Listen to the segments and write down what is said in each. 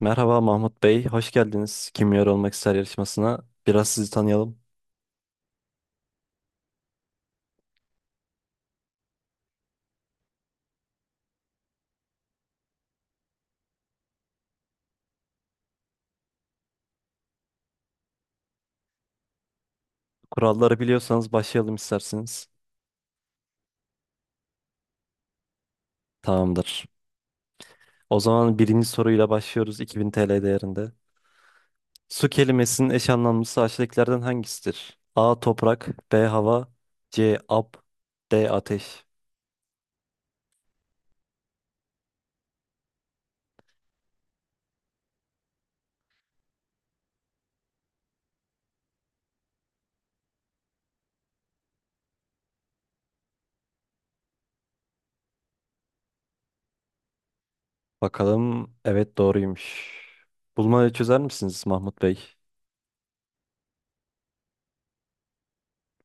Merhaba Mahmut Bey, hoş geldiniz Kimyar Olmak İster yarışmasına. Biraz sizi tanıyalım. Kuralları biliyorsanız başlayalım isterseniz. Tamamdır. O zaman birinci soruyla başlıyoruz 2000 TL değerinde. Su kelimesinin eş anlamlısı aşağıdakilerden hangisidir? A. Toprak B. Hava C. Ab D. Ateş. Bakalım, evet, doğruymuş. Bulmayı çözer misiniz Mahmut Bey?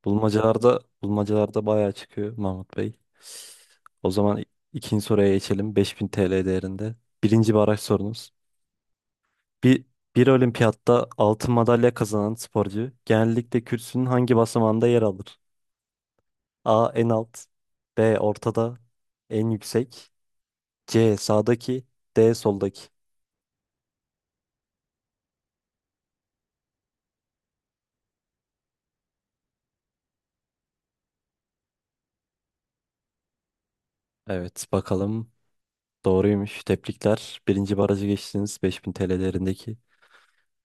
Bulmacalarda bayağı çıkıyor Mahmut Bey. O zaman ikinci soruya geçelim. 5000 TL değerinde. Birinci baraj sorunuz. Bir, bir olimpiyatta altın madalya kazanan sporcu genellikle kürsünün hangi basamağında yer alır? A. En alt B. Ortada En yüksek C. Sağdaki D. Soldaki. Evet, bakalım, doğruymuş. Tebrikler. Birinci barajı geçtiniz 5000 TL değerindeki.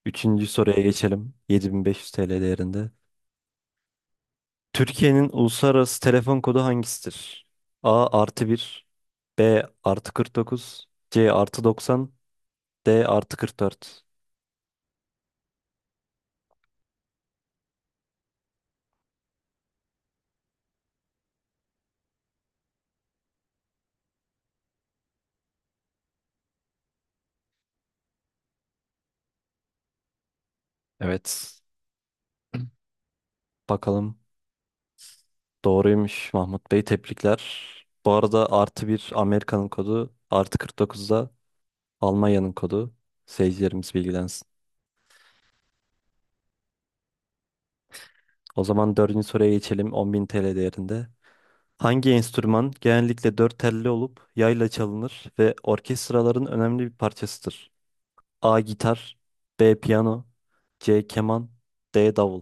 Üçüncü soruya geçelim. 7500 TL değerinde. Türkiye'nin uluslararası telefon kodu hangisidir? A artı bir, B artı 49, C artı 90, D artı 44. Evet, bakalım, doğruymuş Mahmut Bey, tebrikler. Bu arada artı bir Amerika'nın kodu, artı 49 da Almanya'nın kodu. Seyircilerimiz bilgilensin. O zaman dördüncü soruya geçelim 10.000 TL değerinde. Hangi enstrüman genellikle dört telli olup yayla çalınır ve orkestraların önemli bir parçasıdır? A. Gitar B. Piyano C. Keman D. Davul.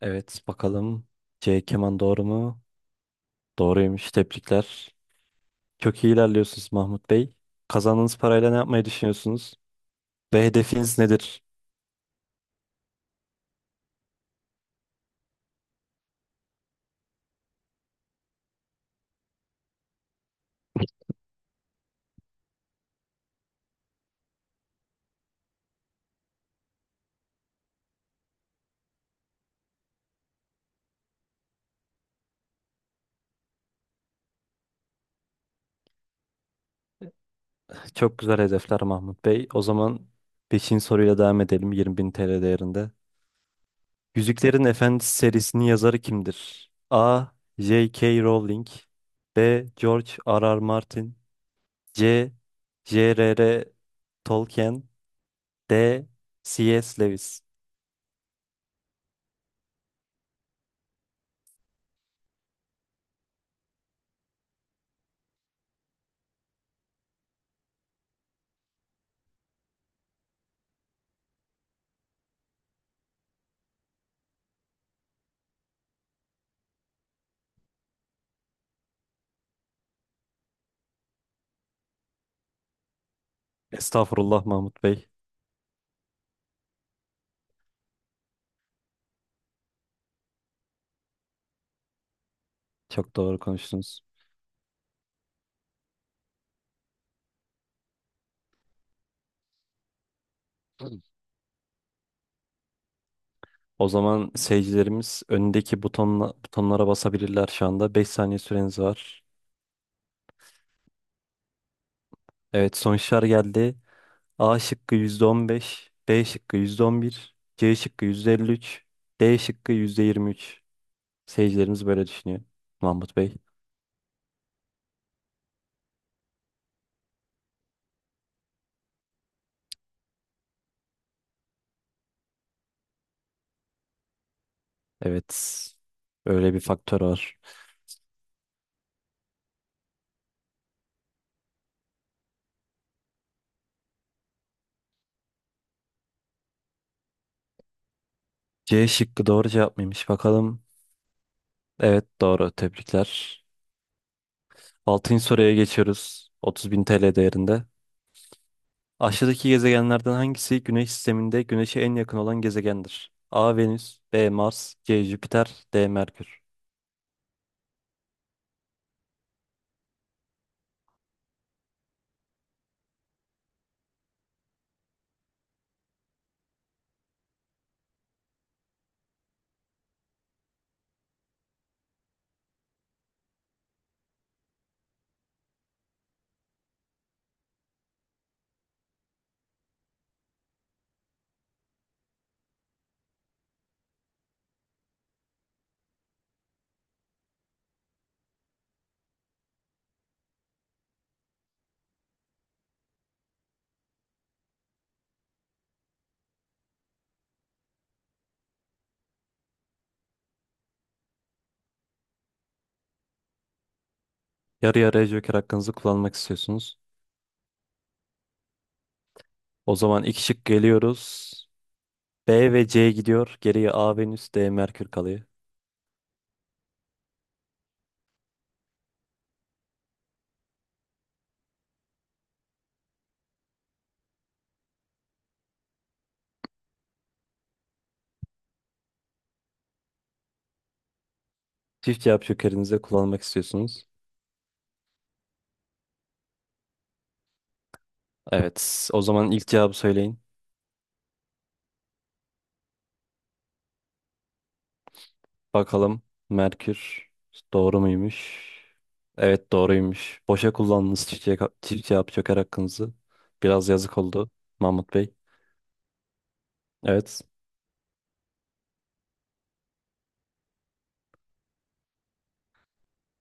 Evet, bakalım, C. Keman doğru mu? Doğruymuş, tebrikler. Çok iyi ilerliyorsunuz Mahmut Bey. Kazandığınız parayla ne yapmayı düşünüyorsunuz? Ve hedefiniz nedir? Çok güzel hedefler Mahmut Bey. O zaman 5. soruyla devam edelim 20.000 TL değerinde. Yüzüklerin Efendisi serisinin yazarı kimdir? A. J.K. Rowling B. George R.R. Martin C. J.R.R. Tolkien D. C.S. Lewis. Estağfurullah Mahmut Bey. Çok doğru konuştunuz. O zaman seyircilerimiz önündeki butonlara basabilirler şu anda. 5 saniye süreniz var. Evet, sonuçlar geldi. A şıkkı %15, B şıkkı %11, C şıkkı %53, D şıkkı %23. Seyircilerimiz böyle düşünüyor. Mahmut Bey. Evet. Öyle bir faktör var. C şıkkı doğru cevap mıymış bakalım. Evet, doğru. Tebrikler. Altıncı soruya geçiyoruz. 30.000 TL değerinde. Aşağıdaki gezegenlerden hangisi Güneş sisteminde Güneş'e en yakın olan gezegendir? A. Venüs B. Mars C. Jüpiter D. Merkür. Yarı yarıya joker hakkınızı kullanmak istiyorsunuz. O zaman iki şık geliyoruz. B ve C gidiyor. Geriye A, Venüs, D, Merkür kalıyor. Çift cevap jokerinizi de kullanmak istiyorsunuz. Evet, o zaman ilk cevabı söyleyin. Bakalım, Merkür doğru muymuş? Evet, doğruymuş. Boşa kullandınız çift cevap joker hakkınızı. Biraz yazık oldu Mahmut Bey. Evet.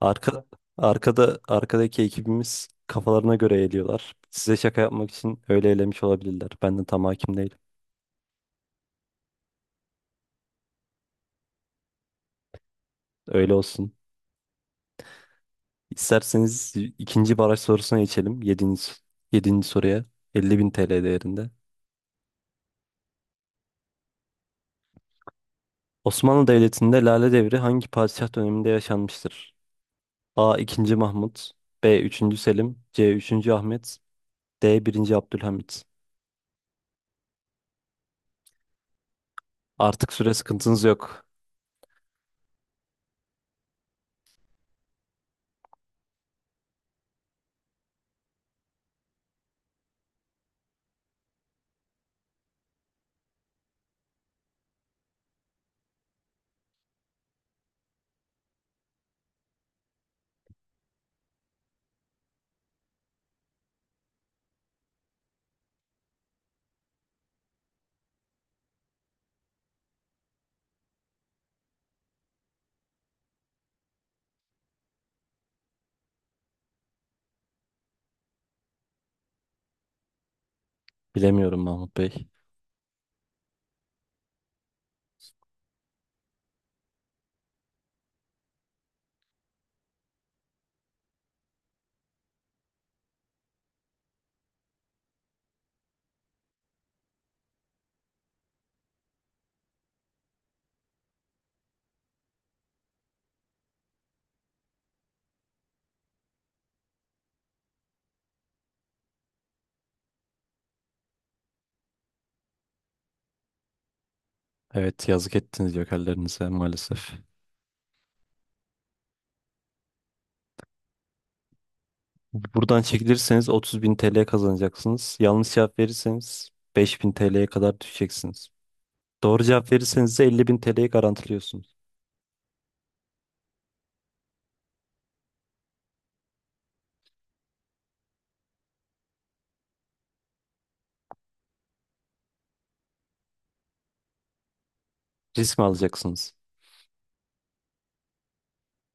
Arka, arkadaki ekibimiz kafalarına göre eğiliyorlar. Size şaka yapmak için öyle elemiş olabilirler. Ben de tam hakim değilim. Öyle olsun. İsterseniz ikinci baraj sorusuna geçelim. Yedinci soruya. 50.000 TL değerinde. Osmanlı Devleti'nde Lale Devri hangi padişah döneminde yaşanmıştır? A. II. Mahmut B. III. Selim C. III. Ahmet D. I. Abdülhamit. Artık süre sıkıntınız yok. Bilemiyorum Mahmut Bey. Evet, yazık ettiniz jokerlerinize maalesef. Buradan çekilirseniz 30 bin TL kazanacaksınız. Yanlış cevap verirseniz 5000 TL'ye kadar düşeceksiniz. Doğru cevap verirseniz de 50 bin TL'yi garantiliyorsunuz. Risk mi alacaksınız?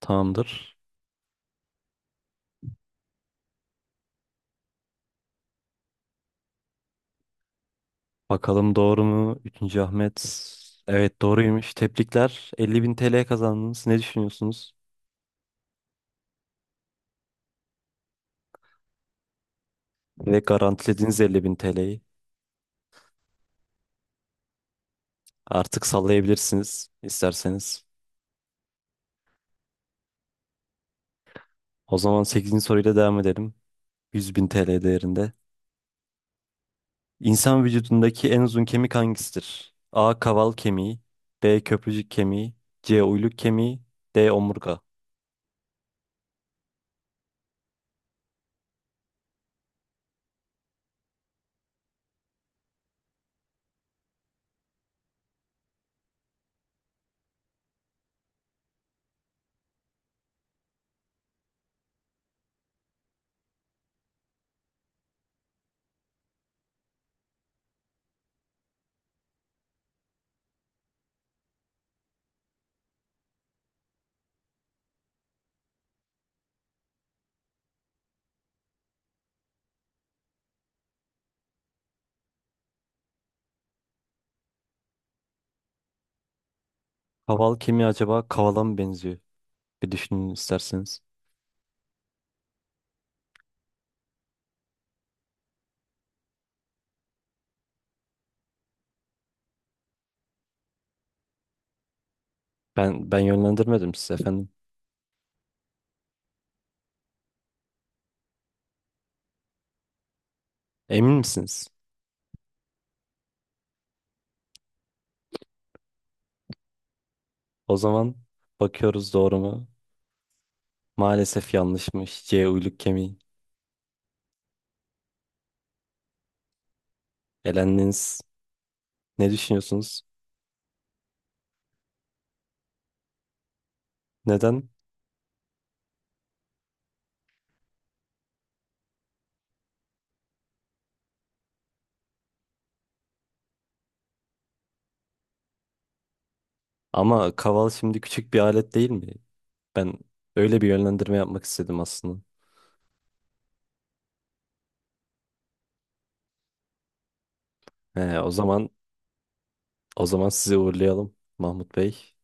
Tamamdır. Bakalım doğru mu? Üçüncü Ahmet. Evet, doğruymuş. Tebrikler. 50.000 TL kazandınız. Ne düşünüyorsunuz? Ve garantilediğiniz garantilediniz 50.000 TL'yi. Artık sallayabilirsiniz isterseniz. O zaman sekizinci soruyla devam edelim. 100.000 TL değerinde. İnsan vücudundaki en uzun kemik hangisidir? A. Kaval kemiği. B. Köprücük kemiği. C. Uyluk kemiği. D. Omurga. Kaval kemiği acaba kavala mı benziyor? Bir düşünün isterseniz. Ben yönlendirmedim size efendim. Emin misiniz? O zaman bakıyoruz, doğru mu? Maalesef yanlışmış. C uyluk kemiği. Elendiniz. Ne düşünüyorsunuz? Neden? Ama kaval şimdi küçük bir alet değil mi? Ben öyle bir yönlendirme yapmak istedim aslında. He, o zaman sizi uğurlayalım Mahmut Bey.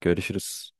Görüşürüz.